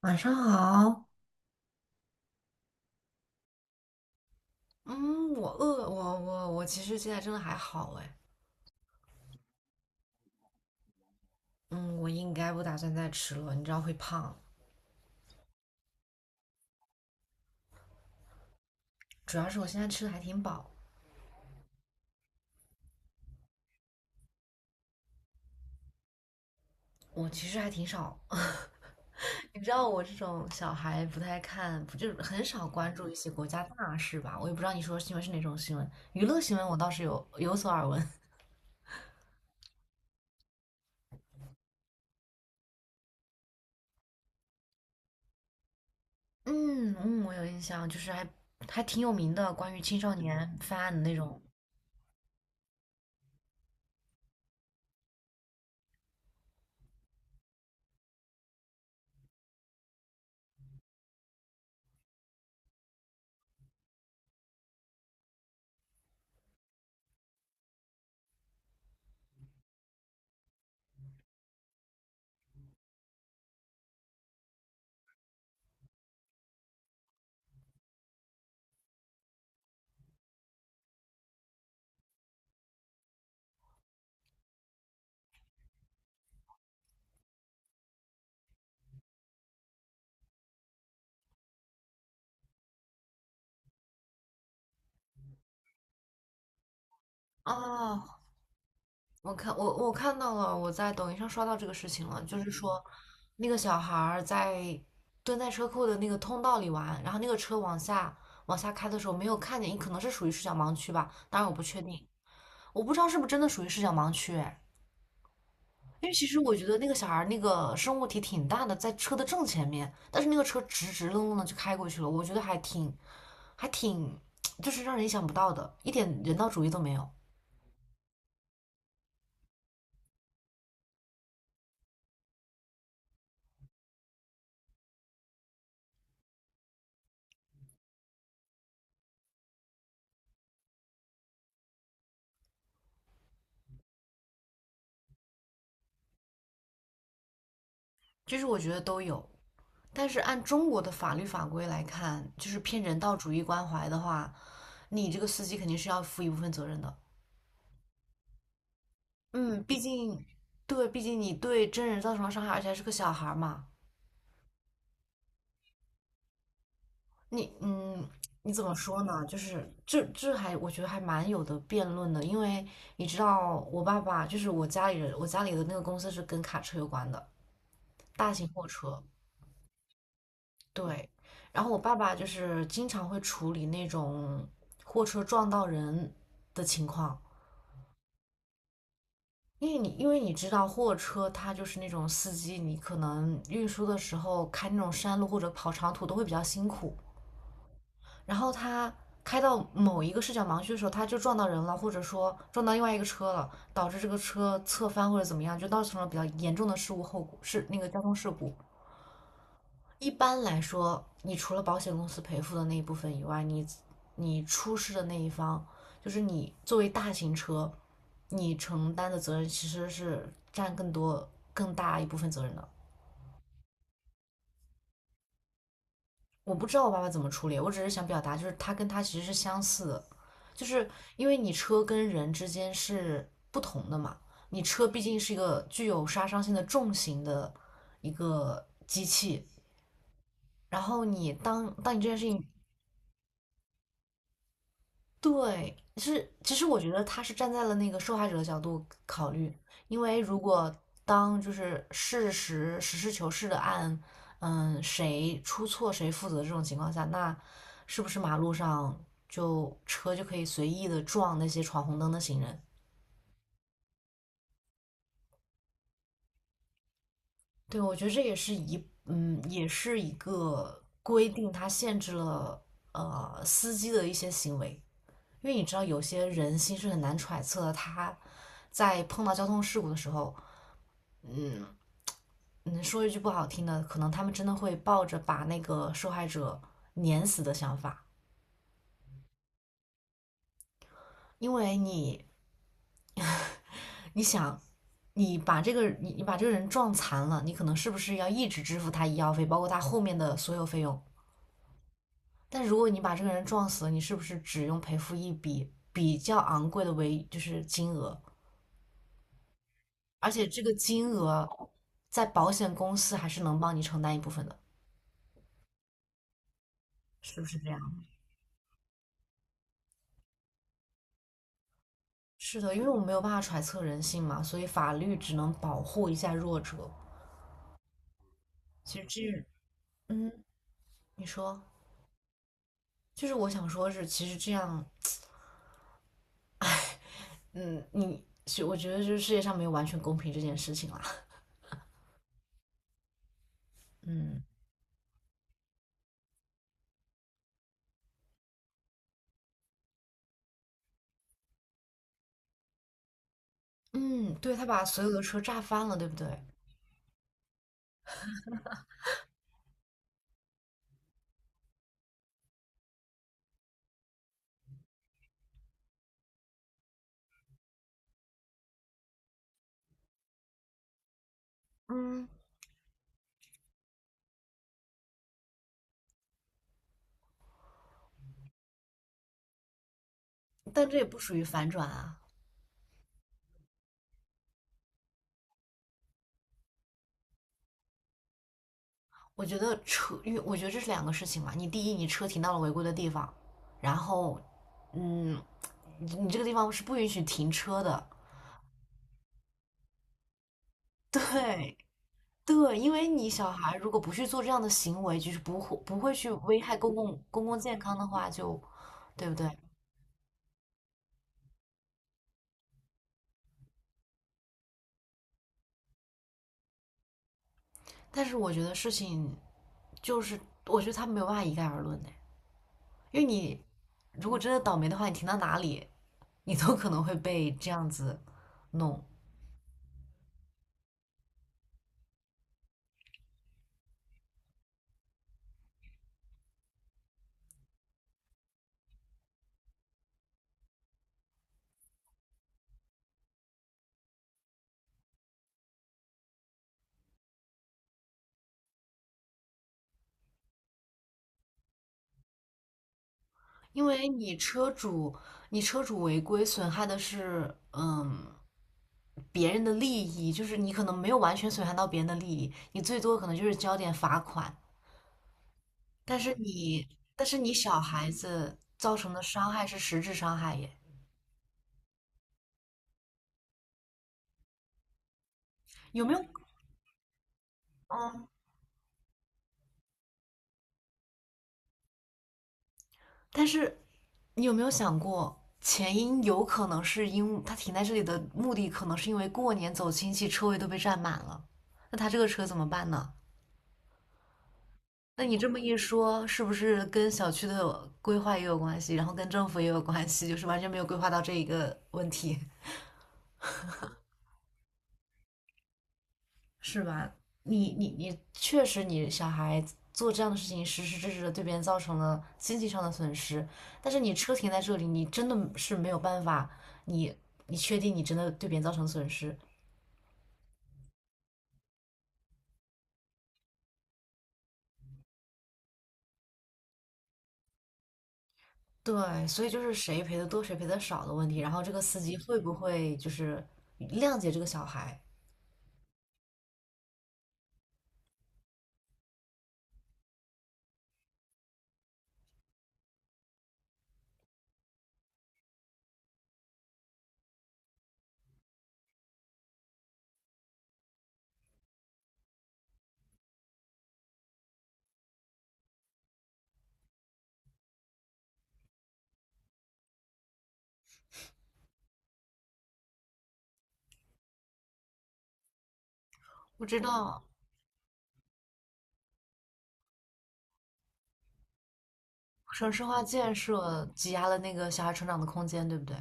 晚上好。嗯，我饿，我其实现在真的还好哎。嗯，我应该不打算再吃了，你知道会胖，主要是我现在吃的还挺饱。我其实还挺少，你知道我这种小孩不太看，不就是很少关注一些国家大事吧？我也不知道你说的新闻是哪种新闻，娱乐新闻我倒是有所耳闻。嗯嗯，我有印象，就是还挺有名的，关于青少年犯案的那种。哦，我看到了，我在抖音上刷到这个事情了，就是说那个小孩儿在蹲在车库的那个通道里玩，然后那个车往下开的时候没有看见，可能是属于视角盲区吧，当然我不确定。我不知道是不是真的属于视角盲区，哎，因为其实我觉得那个小孩儿那个生物体挺大的，在车的正前面，但是那个车直直愣愣的就开过去了，我觉得还挺还挺，就是让人意想不到的，一点人道主义都没有。就是我觉得都有。但是按中国的法律法规来看，就是偏人道主义关怀的话，你这个司机肯定是要负一部分责任的。嗯，毕竟，对，毕竟你对真人造成了伤害，而且还是个小孩儿嘛。你，嗯，你怎么说呢？就是这还我觉得还蛮有的辩论的，因为你知道，我爸爸就是我家里人，我家里的那个公司是跟卡车有关的，大型货车。对，然后我爸爸就是经常会处理那种货车撞到人的情况。因为你知道货车它就是那种司机，你可能运输的时候开那种山路或者跑长途都会比较辛苦。然后他开到某一个视角盲区的时候，他就撞到人了，或者说撞到另外一个车了，导致这个车侧翻或者怎么样，就造成了比较严重的事故后果，是那个交通事故。一般来说，你除了保险公司赔付的那一部分以外，你出事的那一方，就是你作为大型车，你承担的责任其实是占更多、更大一部分责任的。我不知道我爸爸怎么处理，我只是想表达，就是他跟他其实是相似的，就是因为你车跟人之间是不同的嘛，你车毕竟是一个具有杀伤性的重型的一个机器，然后你当你这件事情对，是，其实我觉得他是站在了那个受害者的角度考虑，因为如果当就是事实实事求是的按，嗯，谁出错谁负责这种情况下，那是不是马路上就车就可以随意的撞那些闯红灯的行人？对，我觉得这也是一，嗯，也是一个规定，它限制了司机的一些行为，因为你知道有些人心是很难揣测的，他在碰到交通事故的时候。嗯，说一句不好听的，可能他们真的会抱着把那个受害者碾死的想法，因为你，你想，你把这个你把这个人撞残了，你可能是不是要一直支付他医药费，包括他后面的所有费用？但如果你把这个人撞死了，你是不是只用赔付一笔比较昂贵的为就是金额？而且这个金额在保险公司还是能帮你承担一部分的，是不是这样？是的，因为我们没有办法揣测人性嘛，所以法律只能保护一下弱者。其实这，嗯，你说，就是我想说是，其实这样，嗯，你是我觉得就是世界上没有完全公平这件事情啦。嗯嗯，对，他把所有的车炸翻了，对不对？嗯，但这也不属于反转啊。我觉得车，因为我觉得这是两个事情嘛。你第一，你车停到了违规的地方，然后，嗯，你你这个地方是不允许停车的。对，对，因为你小孩如果不去做这样的行为，就是不会去危害公共健康的话就，对不对？但是我觉得事情就是，我觉得他没有办法一概而论的，因为你如果真的倒霉的话，你停到哪里，你都可能会被这样子弄，因为你车主违规损害的是嗯别人的利益，就是你可能没有完全损害到别人的利益，你最多可能就是交点罚款，但是你，但是你小孩子造成的伤害是实质伤害耶，有没有？嗯，但是你有没有想过，前因有可能是因为他停在这里的目的，可能是因为过年走亲戚，车位都被占满了，那他这个车怎么办呢？那你这么一说，是不是跟小区的规划也有关系，然后跟政府也有关系，就是完全没有规划到这一个问题？是吧？你，确实你小孩做这样的事情，实实质质的对别人造成了经济上的损失。但是你车停在这里，你真的是没有办法，你你确定你真的对别人造成损失？对，所以就是谁赔的多，谁赔的少的问题。然后这个司机会不会就是谅解这个小孩？不知道，城市化建设挤压了那个小孩成长的空间，对不对？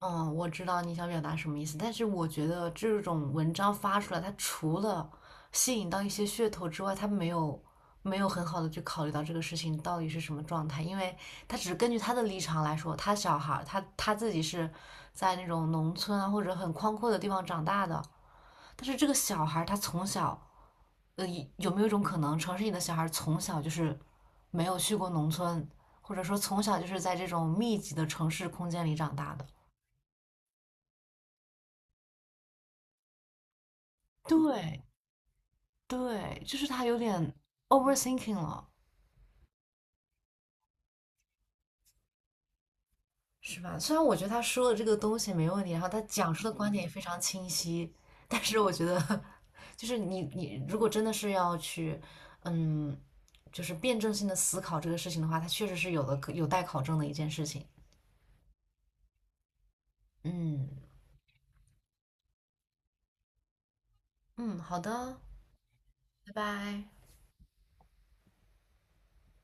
嗯，我知道你想表达什么意思，但是我觉得这种文章发出来，它除了吸引到一些噱头之外，它没有很好的去考虑到这个事情到底是什么状态，因为他只是根据他的立场来说，他小孩儿他自己是在那种农村啊或者很宽阔的地方长大的，但是这个小孩儿他从小，呃，有没有一种可能，城市里的小孩儿从小就是没有去过农村，或者说从小就是在这种密集的城市空间里长大的？对，对，就是他有点 overthinking 了，是吧？虽然我觉得他说的这个东西没问题，然后他讲述的观点也非常清晰，但是我觉得，就是你你如果真的是要去，嗯，就是辩证性的思考这个事情的话，它确实是有的有待考证的一件事情。嗯嗯，好的，拜拜。